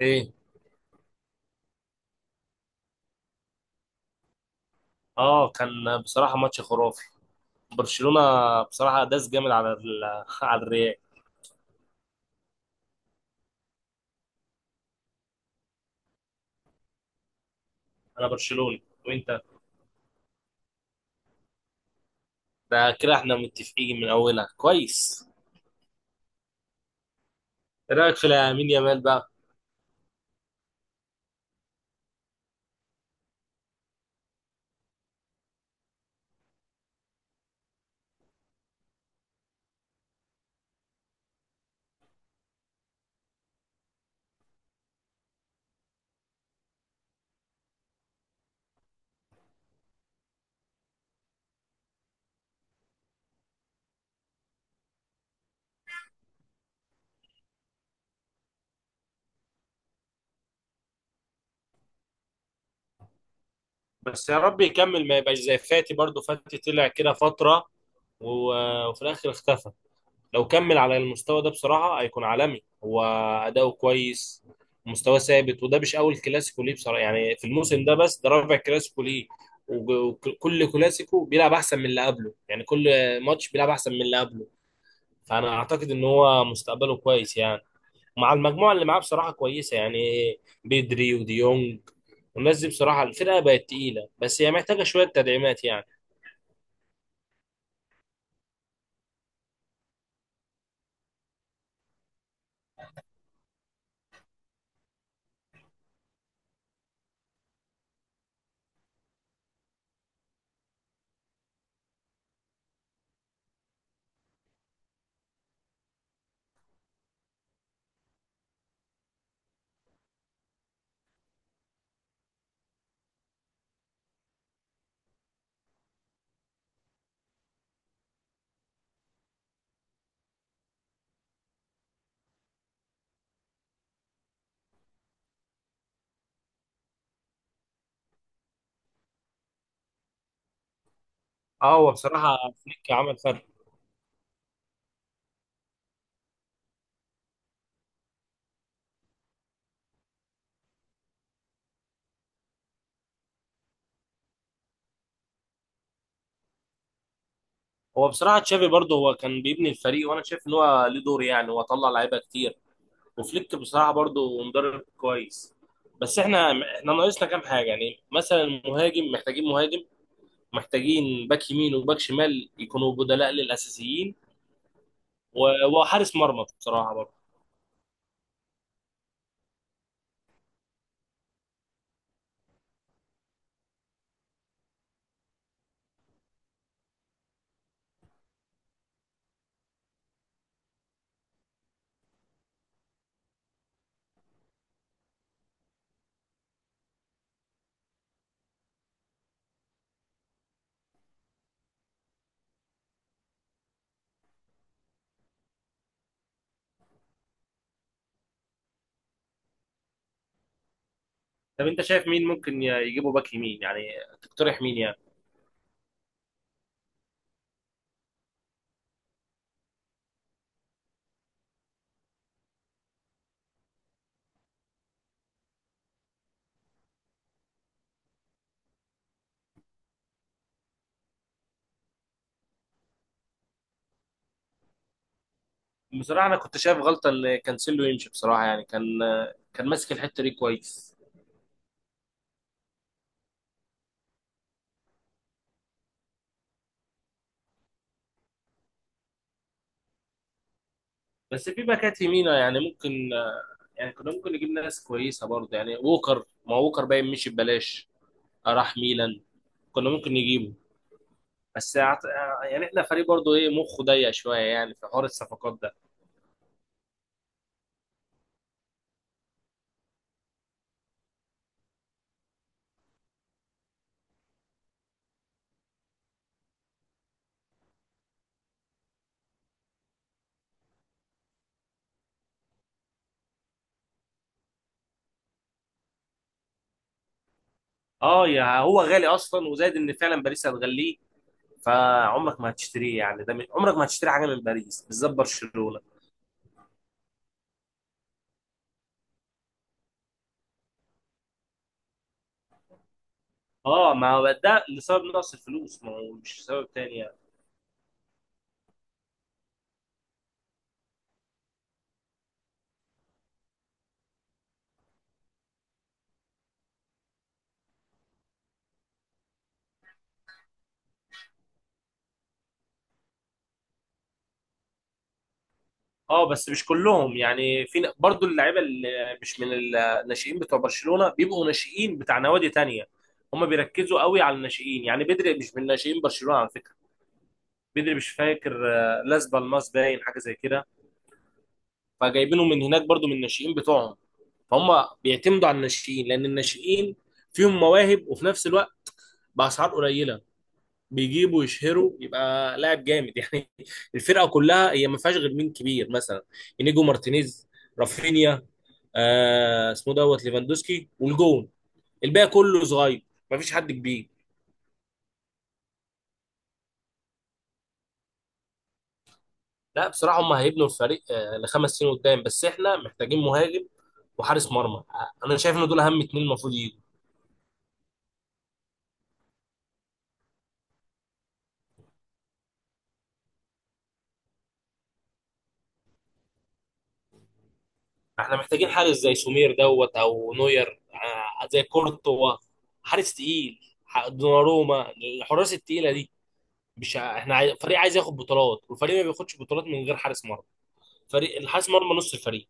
ايه. اه، كان بصراحه ماتش خرافي. برشلونه بصراحه داس جامد على الريال. انا برشلوني، وانت؟ ده كده احنا متفقين من اولها كويس. ايه رايك في لامين يامال بقى؟ بس يا رب يكمل ما يبقاش زي فاتي، برضو فاتي طلع كده فتره وفي الاخر اختفى. لو كمل على المستوى ده بصراحة هيكون عالمي هو. أداؤه كويس، مستواه ثابت. وده مش أول كلاسيكو ليه بصراحة يعني في الموسم ده، بس ده رابع كلاسيكو ليه. وكل كلاسيكو بيلعب أحسن من اللي قبله، يعني كل ماتش بيلعب أحسن من اللي قبله. فأنا أعتقد إن هو مستقبله كويس يعني، ومع المجموعة اللي معاه بصراحة كويسة يعني، بيدري وديونج والناس دي. بصراحة الفرقة بقت تقيلة، بس هي محتاجة شوية تدعيمات يعني. اه، هو بصراحة فليك عمل فرق. هو بصراحه تشافي برضه هو كان بيبني الفريق، وانا شايف ان هو ليه دور يعني، هو طلع لعيبه كتير. وفليك بصراحه برضه مدرب كويس. بس احنا ناقصنا كام حاجه يعني، مثلا المهاجم، محتاجين مهاجم، محتاجين باك يمين وباك شمال يكونوا بدلاء للاساسيين، وحارس مرمى بصراحه برضه. طب انت شايف مين ممكن يجيبوا باك يمين يعني، تقترح مين يعني؟ بصراحه انا كنت شايف غلطه ان كانسيلو يمشي، بصراحه يعني كان ماسك الحته دي كويس. بس في باكات يمينة يعني ممكن، يعني كنا ممكن نجيب ناس كويسه برضه يعني. ووكر، ما ووكر باين مشي ببلاش، راح ميلان، كنا ممكن نجيبه. بس أعت- يعني احنا فريق برضه ايه مخه ضيق شويه يعني في حوار الصفقات ده. اه، يا هو غالي اصلا، وزائد ان فعلا باريس هتغليه، فعمرك ما هتشتريه يعني. عمرك ما هتشتري حاجه من باريس بالذات برشلونه. اه ما هو ده لسبب نقص الفلوس، ما هو مش سبب تاني يعني. اه، بس مش كلهم يعني، في برضو اللعيبه اللي مش من الناشئين بتوع برشلونه بيبقوا ناشئين بتاع نوادي تانية. هم بيركزوا قوي على الناشئين يعني. بدري مش من ناشئين برشلونه على فكره، بدري مش فاكر، لاس بالماس باين حاجه زي كده، فجايبينه من هناك برضو من الناشئين بتوعهم. فهم بيعتمدوا على الناشئين لان الناشئين فيهم مواهب، وفي نفس الوقت باسعار قليله بيجيبوا يشهروا يبقى لاعب جامد يعني. الفرقه كلها هي ما فيهاش غير مين كبير مثلا؟ انيجو مارتينيز، رافينيا، آه اسمه دوت ليفاندوسكي، والجون. الباقي كله صغير، مفيش حد كبير. لا بصراحة هم هيبنوا الفريق، ل5 سنين قدام، بس احنا محتاجين مهاجم وحارس مرمى. انا شايف ان دول اهم اتنين المفروض يجوا. احنا محتاجين حارس زي سمير دوت او نوير، زي كورتوا. حارس تقيل، دوناروما، الحراس التقيلة دي. مش ع- احنا عاي... فريق عايز ياخد بطولات، والفريق ما بياخدش بطولات من غير حارس مرمى. فريق الحارس مرمى نص الفريق.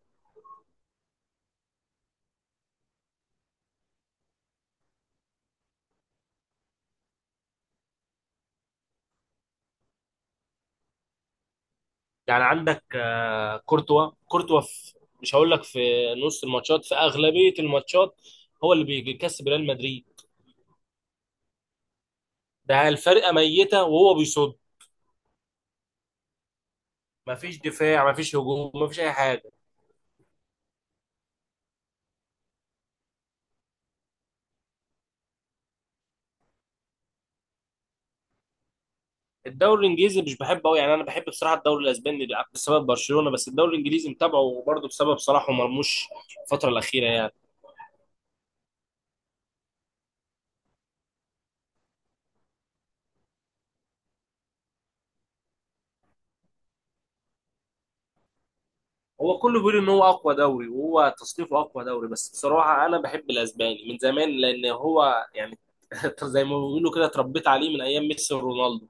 يعني عندك كورتوا. كورتوا في مش هقول لك، في نص الماتشات، في اغلبيه الماتشات هو اللي بيكسب ريال مدريد. ده الفرقه ميته وهو بيصد. مفيش دفاع، مفيش هجوم، مفيش اي حاجه. الدوري الانجليزي مش بحبه قوي يعني. انا بحب بصراحه الدوري الاسباني بسبب برشلونه، بس الدوري الانجليزي متابعه برضه بسبب صلاح ومرموش الفتره الاخيره يعني. هو كله بيقول ان هو اقوى دوري، وهو تصنيفه اقوى دوري، بس بصراحه انا بحب الاسباني من زمان لان هو يعني زي ما بيقولوا كده اتربيت عليه من ايام ميسي ورونالدو.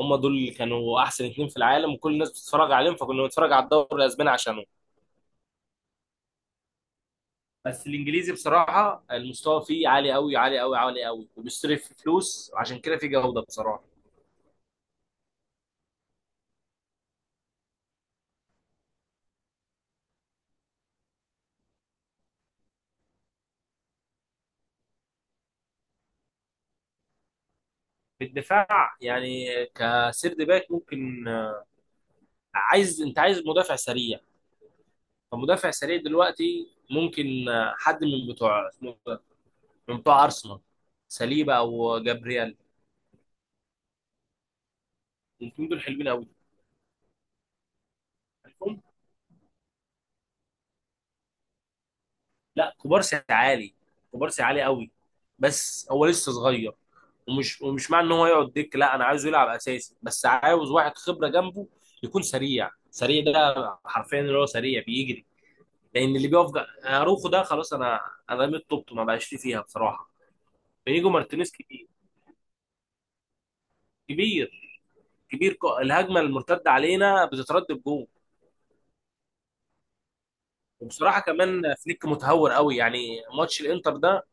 هم دول اللي كانوا احسن اتنين في العالم وكل الناس بتتفرج عليهم، فكنا بنتفرج على الدوري الاسباني عشانهم. بس الانجليزي بصراحه المستوى فيه عالي قوي عالي قوي عالي قوي، وبيصرف في فلوس وعشان كده في جوده بصراحه. في الدفاع يعني كسيرد باك ممكن. انت عايز مدافع سريع، فمدافع سريع دلوقتي ممكن، حد من بتوع اسمه إيه ده؟ من بتوع ارسنال، ساليبا او جابرييل، الاثنين دول حلوين قوي، عارفهم؟ لا، كوبارسي عالي، كوبارسي عالي قوي، بس هو لسه صغير. ومش معنى ان هو يقعد دك، لا انا عايزه يلعب اساسي، بس عاوز واحد خبره جنبه، يكون سريع. سريع ده حرفيا اللي هو سريع بيجري. لان اللي بيقف اروخو ده خلاص. انا رميت طوبته، ما بقاش لي فيها بصراحه. بيجو مارتينيز كبير، كبير، كبير. الهجمه المرتده علينا بتترد بجول. وبصراحه كمان فليك متهور قوي يعني، ماتش الانتر ده،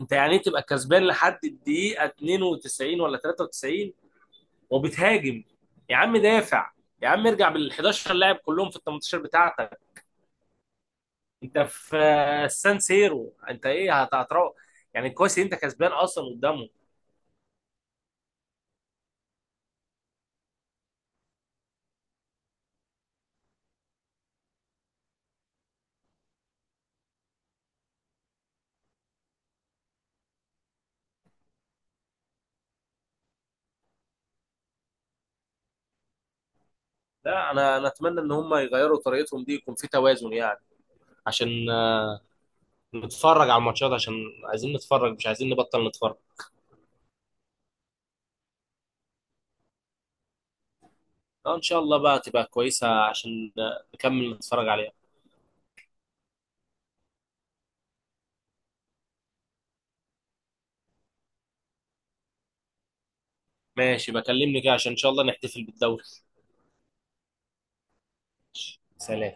انت يعني إيه تبقى كسبان لحد الدقيقه 92 ولا 93 وبتهاجم؟ يا عم دافع، يا عم ارجع بال 11 لاعب كلهم في ال 18 بتاعتك. انت في السان سيرو، انت ايه هتروح يعني؟ كويس إن انت كسبان اصلا قدامهم. لا، انا اتمنى ان هم يغيروا طريقتهم دي، يكون في توازن يعني، عشان نتفرج على الماتشات، عشان عايزين نتفرج، مش عايزين نبطل نتفرج. ان شاء الله بقى تبقى كويسه عشان نكمل نتفرج عليها. ماشي، بكلمني كده عشان ان شاء الله نحتفل بالدوري. سلام.